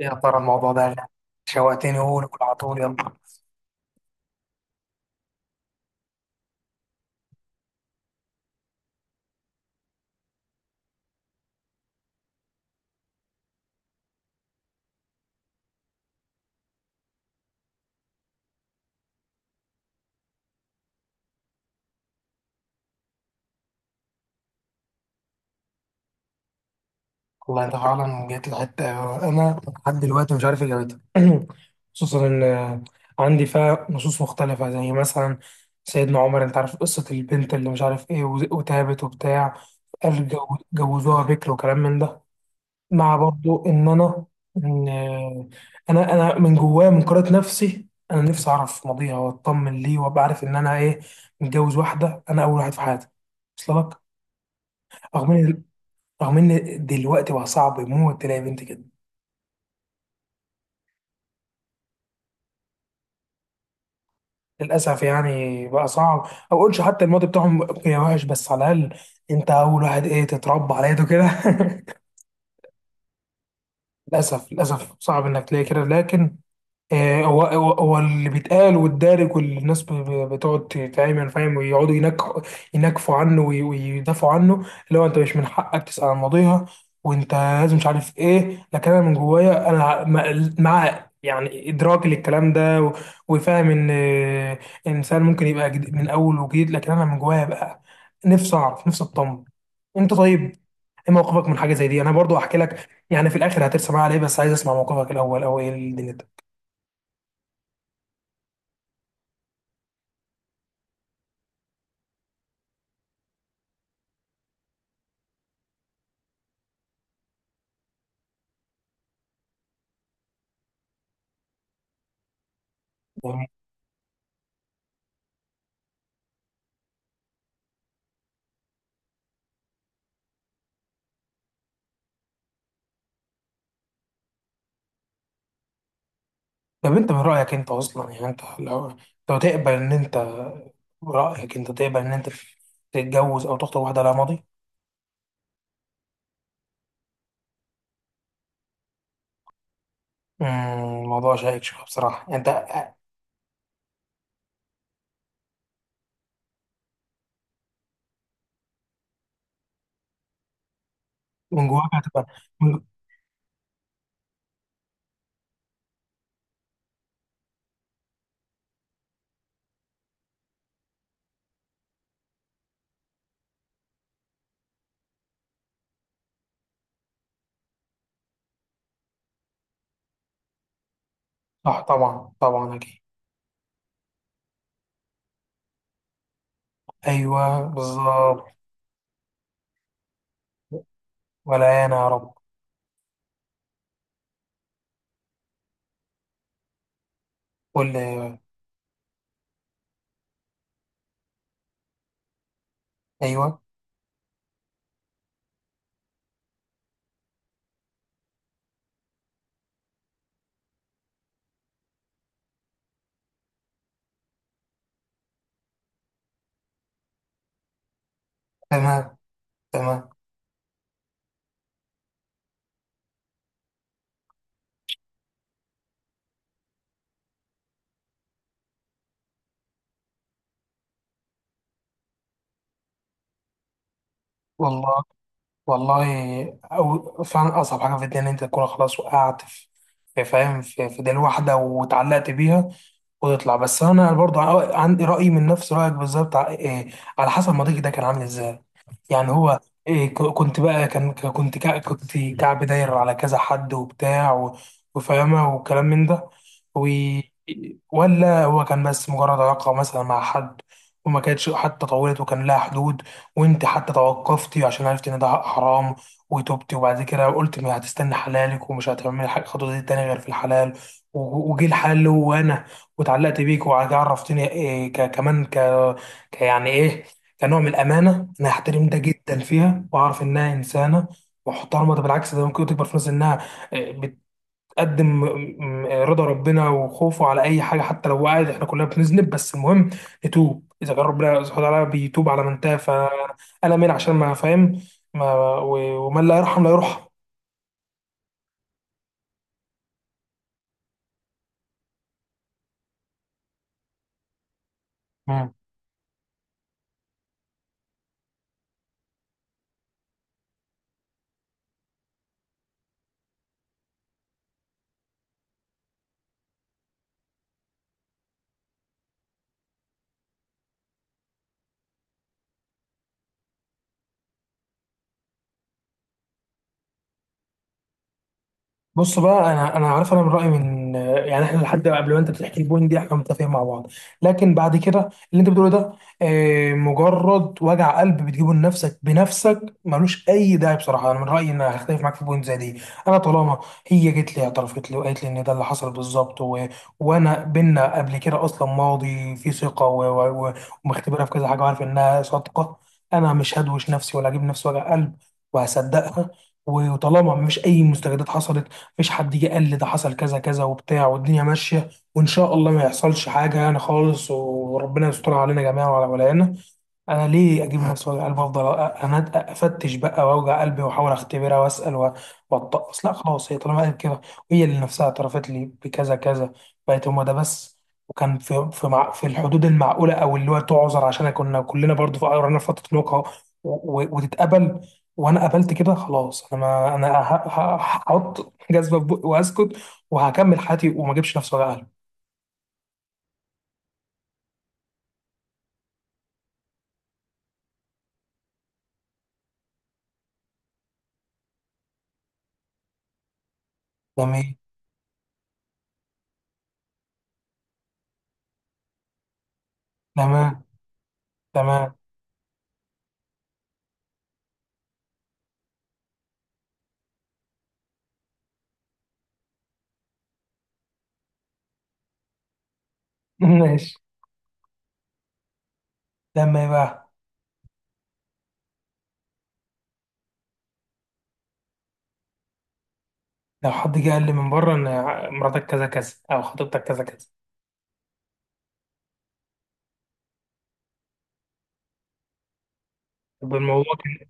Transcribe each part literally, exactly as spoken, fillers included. يا ترى الموضوع ده شوقتني، قول قول على طول يلا. والله انت فعلا جيت لحته. انا لحد دلوقتي مش عارف اجابتها. خصوصا ان عندي فيها نصوص مختلفه، زي مثلا سيدنا عمر، انت عارف قصه البنت اللي مش عارف ايه وز- وتابت وبتاع، قال جو- جوزوها بكر وكلام من ده. مع برضو ان انا ان انا انا من جوايا من قراءه نفسي، انا نفسي اعرف ماضيها واطمن ليه وابقى عارف ان انا ايه، متجوز واحده انا اول واحد في حياتي. وصل لك؟ رغم ان رغم ان دلوقتي بقى صعب يموت تلاقي بنت كده. للاسف يعني بقى صعب، او اقولش حتى الماضي بتاعهم يا وحش، بس على الاقل انت اول واحد ايه، تتربى على يده كده. للاسف للاسف صعب انك تلاقي كده، لكن آه، هو هو هو اللي بيتقال والدارج، والناس ب- ب- بتقعد تتعمل فاهم ويقعدوا ينكحوا ينكفوا عنه وي- ويدافعوا عنه، اللي هو انت مش من حقك تسأل عن ماضيها وانت لازم مش عارف ايه. لكن انا من جوايا انا ع- مع مع يعني ادراك للكلام ده و- وفاهم ان آه، انسان ممكن يبقى جد- من اول وجديد، لكن انا من جوايا بقى نفسي اعرف، نفسي اطمن. انت طيب، ايه موقفك من حاجه زي دي؟ انا برضو احكي لك يعني في الاخر هترسم معايا عليه، بس عايز اسمع موقفك الاول، او ايه الدنيا ده. طب انت من رأيك، انت اصلا يعني انت لو لو تقبل ان انت، رأيك انت تقبل ان انت تتجوز او تخطب واحدة لها ماضي؟ امم، الموضوع شائك شوية بصراحة. انت من جواك هتبقى من- صح طبعا طبعا اكيد. ايوه بالظبط. ولا انا يا رب. قول لي. ايوه. تمام. تمام. والله. والله، أو فعلا أصعب حاجة في الدنيا إن أنت تكون خلاص وقعت في في- فاهم، في، في دليل واحدة واتعلقت بيها وتطلع. بس أنا برضو ع- عندي رأي من نفس رأيك بالظبط، ع- إيه، على حسب ما ضيقي ده كان عامل إزاي. يعني هو إيه، ك- كنت بقى كان ك- كنت كع- كنت كعب داير على كذا حد وبتاع و- وفاهمة وكلام من ده، و ولا هو كان بس مجرد علاقة مثلا مع حد وما كانتش حتى طولت وكان لها حدود، وانت حتى توقفتي عشان عرفتي ان ده حرام وتوبتي، وبعد كده قلت ما هتستني حلالك، ومش هتعملي حاجة خطوة دي تاني غير في الحلال، و- وجي الحلال اللي هو انا، واتعلقت بيك وعرفتني إيه ك- كمان ك ك- يعني ايه كنوع من الامانه، انا هحترم ده جدا فيها واعرف انها انسانه محترمه. ده بالعكس ده ممكن تكبر في ناس انها آه، بتقدم آم، آه، رضا ربنا وخوفه على اي حاجه. حتى لو وقعت، احنا كلنا بنذنب، بس المهم نتوب. اذا كان ربنا سبحانه وتعالى بيتوب على من تاب، فانا من عشان ما فاهم ما و- ومن لا يرحم لا يرحم. بص بقى، انا انا عارف انا من رايي من، يعني احنا لحد قبل ما انت بتحكي البوينت دي احنا متفقين مع بعض، لكن بعد كده اللي انت بتقوله ده آه، مجرد وجع قلب بتجيبه لنفسك بنفسك، ملوش اي داعي. بصراحه انا من رايي ان هختلف معاك في بوينت زي دي. انا طالما هي جت لي اعترفت لي وقالت لي ان ده اللي حصل بالظبط، و... وانا بينا قبل كده اصلا ماضي في ثقه و... و... و- ومختبرها في كذا حاجه وعارف انها صادقه، انا مش هدوش نفسي ولا اجيب نفسي وجع قلب، وهصدقها. وطالما مفيش اي مستجدات حصلت، مفيش حد جه قال لي ده حصل كذا كذا وبتاع، والدنيا ماشيه، وان شاء الله ما يحصلش حاجه يعني خالص، وربنا يستر علينا جميعا وعلى ولايانا. انا ليه اجيب نفس وجع قلبي وافضل أ- انا افتش بقى واوجع قلبي واحاول اختبرها واسال و- واتطقس؟ لا خلاص، هي طالما قالت كده، وهي اللي نفسها اعترفت لي بكذا كذا، بقت هما ده بس، وكان في في مع في الحدود المعقوله، او اللي هو تعذر عشان كنا كلنا برضو في قررنا في فتره نقاهه، و- و- وتتقبل، وانا قبلت كده خلاص، انا ما انا ه- ه- هحط جزمه في بقي واسكت وهكمل حياتي وما اجيبش نفس وجع قلبي. تمام تمام تمام. ماشي. تمام بقى، لو حد جه قال لي من بره ان مراتك كذا كذا او خطيبتك كذا كذا. طب الموضوع كان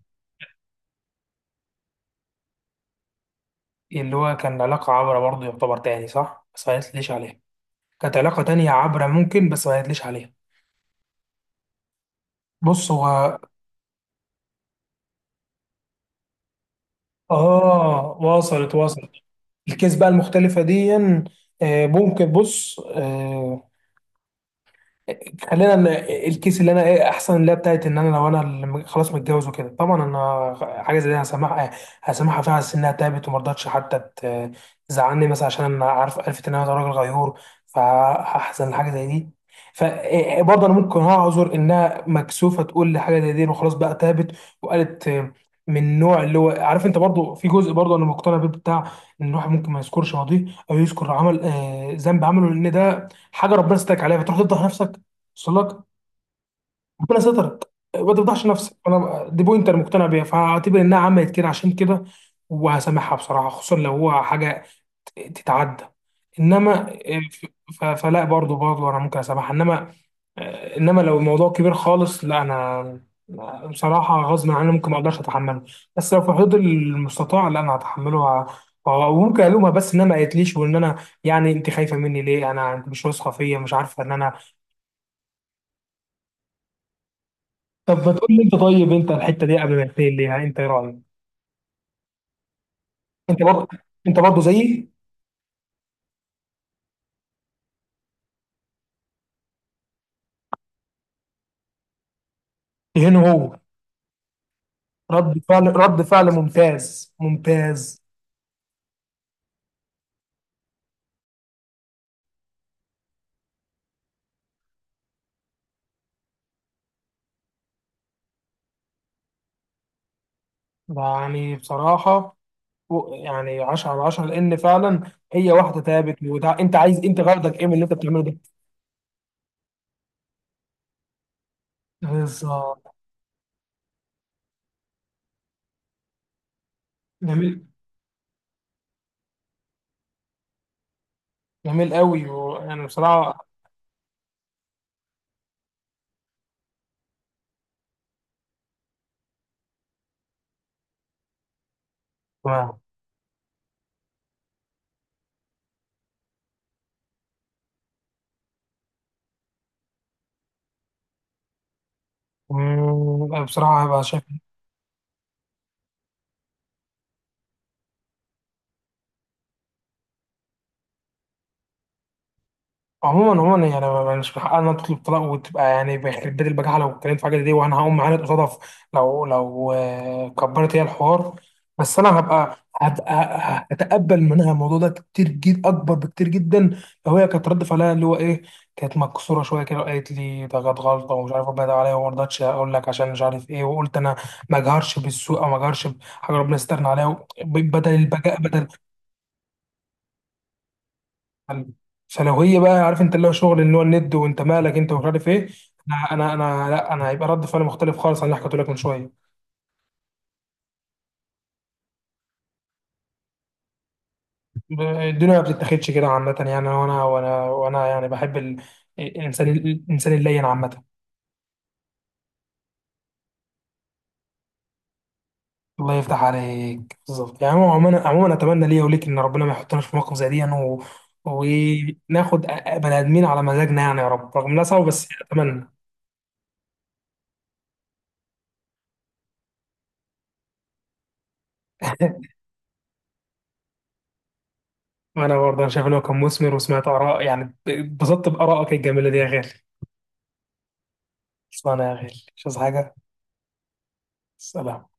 إيه؟ اللي هو كان علاقه عبره برضه يعتبر تاني صح، بس ما قالتليش عليها، كانت علاقه تانية عبره ممكن بس ما قالتليش عليها. بص هو، اه وصلت وصلت. الكيس بقى المختلفه دي، آه، ممكن بص، آه، خلينا ان الكيس اللي انا ايه احسن، اللي هي بتاعت ان انا لو انا اللي م- خلاص متجوز وكده، طبعا انا حاجه زي دي هسامحها. هسامحها فيها على أساس انها تعبت وما رضتش حتى ت- تزعلني مثلا، عشان انا عارف عرفت ان انا راجل غيور، فهحزن لحاجه زي دي، فبرضه انا ممكن اعذر انها مكسوفه تقول لي حاجه زي دي وخلاص بقى تعبت وقالت. آه، من النوع اللي هو عارف انت برضه، في جزء برضه انا مقتنع بيه بتاع ان الواحد ممكن ما يذكرش ماضيه، او يذكر عمل آه، ذنب عمله، لان ده حاجه ربنا ستاك عليها فتروح تفضح نفسك. وصل لك؟ ربنا سترك ما تفضحش نفسك، انا دي بوينت انا مقتنع بيها، فاعتبر انها عملت كده عشان كده، وهسامحها بصراحه، خصوصا لو هو حاجه تتعدى. انما آه، ف- فلا برضه برضه انا ممكن اسامحها، انما آه، انما لو الموضوع كبير خالص لا انا، آه، بصراحه غصب عني ممكن ما اقدرش اتحمله، بس لو في حدود المستطاع لا انا هتحمله، وه- وممكن الومها بس انها ما قالتليش، وان انا يعني انت خايفه مني ليه؟ انا انت مش واثقه فيا؟ مش عارفه ان انا. طب ما تقول لي انت، طيب انت الحته دي قبل ما تقول ليها انت ايه رايك؟ انت برضه انت برضه زيي. هنا هو. رد فعل رد فعل ممتاز ممتاز. يعني بصراحه و- يعني عشرة على عشرة، لان فعلا هي واحده ثابت. وده انت عايز، انت غرضك ايه من اللي انت بتعمله ده؟ بالظبط. جميل. جميل قوي. يعني بصراحه، واو. مم، بصراحه هبقى شايف. عموما عموما يعني ما- ما- مش من حقنا تطلب طلاق وتبقى يعني بيخرب بيت البجاحه لو اتكلمت في حاجه زي دي، وانا هقوم معاند قصادها في-، لو لو آه، كبرت هي الحوار، بس انا هبقى هبقى هتقبل منها الموضوع ده كتير جدا اكبر بكتير جدا. لو هي كانت رد فعلها اللي هو ايه، كانت مكسوره شويه كده وقالت لي ده كانت غلطه ومش عارف ربنا ده عليا، وما رضتش اقول لك عشان مش عارف ايه، وقلت انا ما اجهرش بالسوء، او ما اجهرش بحاجه ربنا يسترنا عليها بدل البجاء بدل. حلو. سلوية بقى، عارف انت اللي هو شغل اللي هو الند، وانت مالك انت ومش عارف ايه. انا انا انا لا انا هيبقى رد فعلي مختلف خالص عن اللي حكيته لك من شويه. ب- الدنيا ما بتتاخدش كده عامه يعني، وانا وانا وانا يعني بحب ال- الانسان الانسان اللين عامه. الله يفتح عليك بالظبط. يعني هو عموما عموما، اتمنى ليا وليك ان ربنا ما يحطناش في موقف زي دي يعني، و... وناخد بني ادمين على مزاجنا يعني يا رب. رغم انها صعبه بس اتمنى. وانا برضه انا شايف ان هو كان مثمر، وسمعت اراء، يعني اتبسطت بارائك الجميله دي يا غالي. خلصانة يا غالي، مش عايز حاجة. سلام.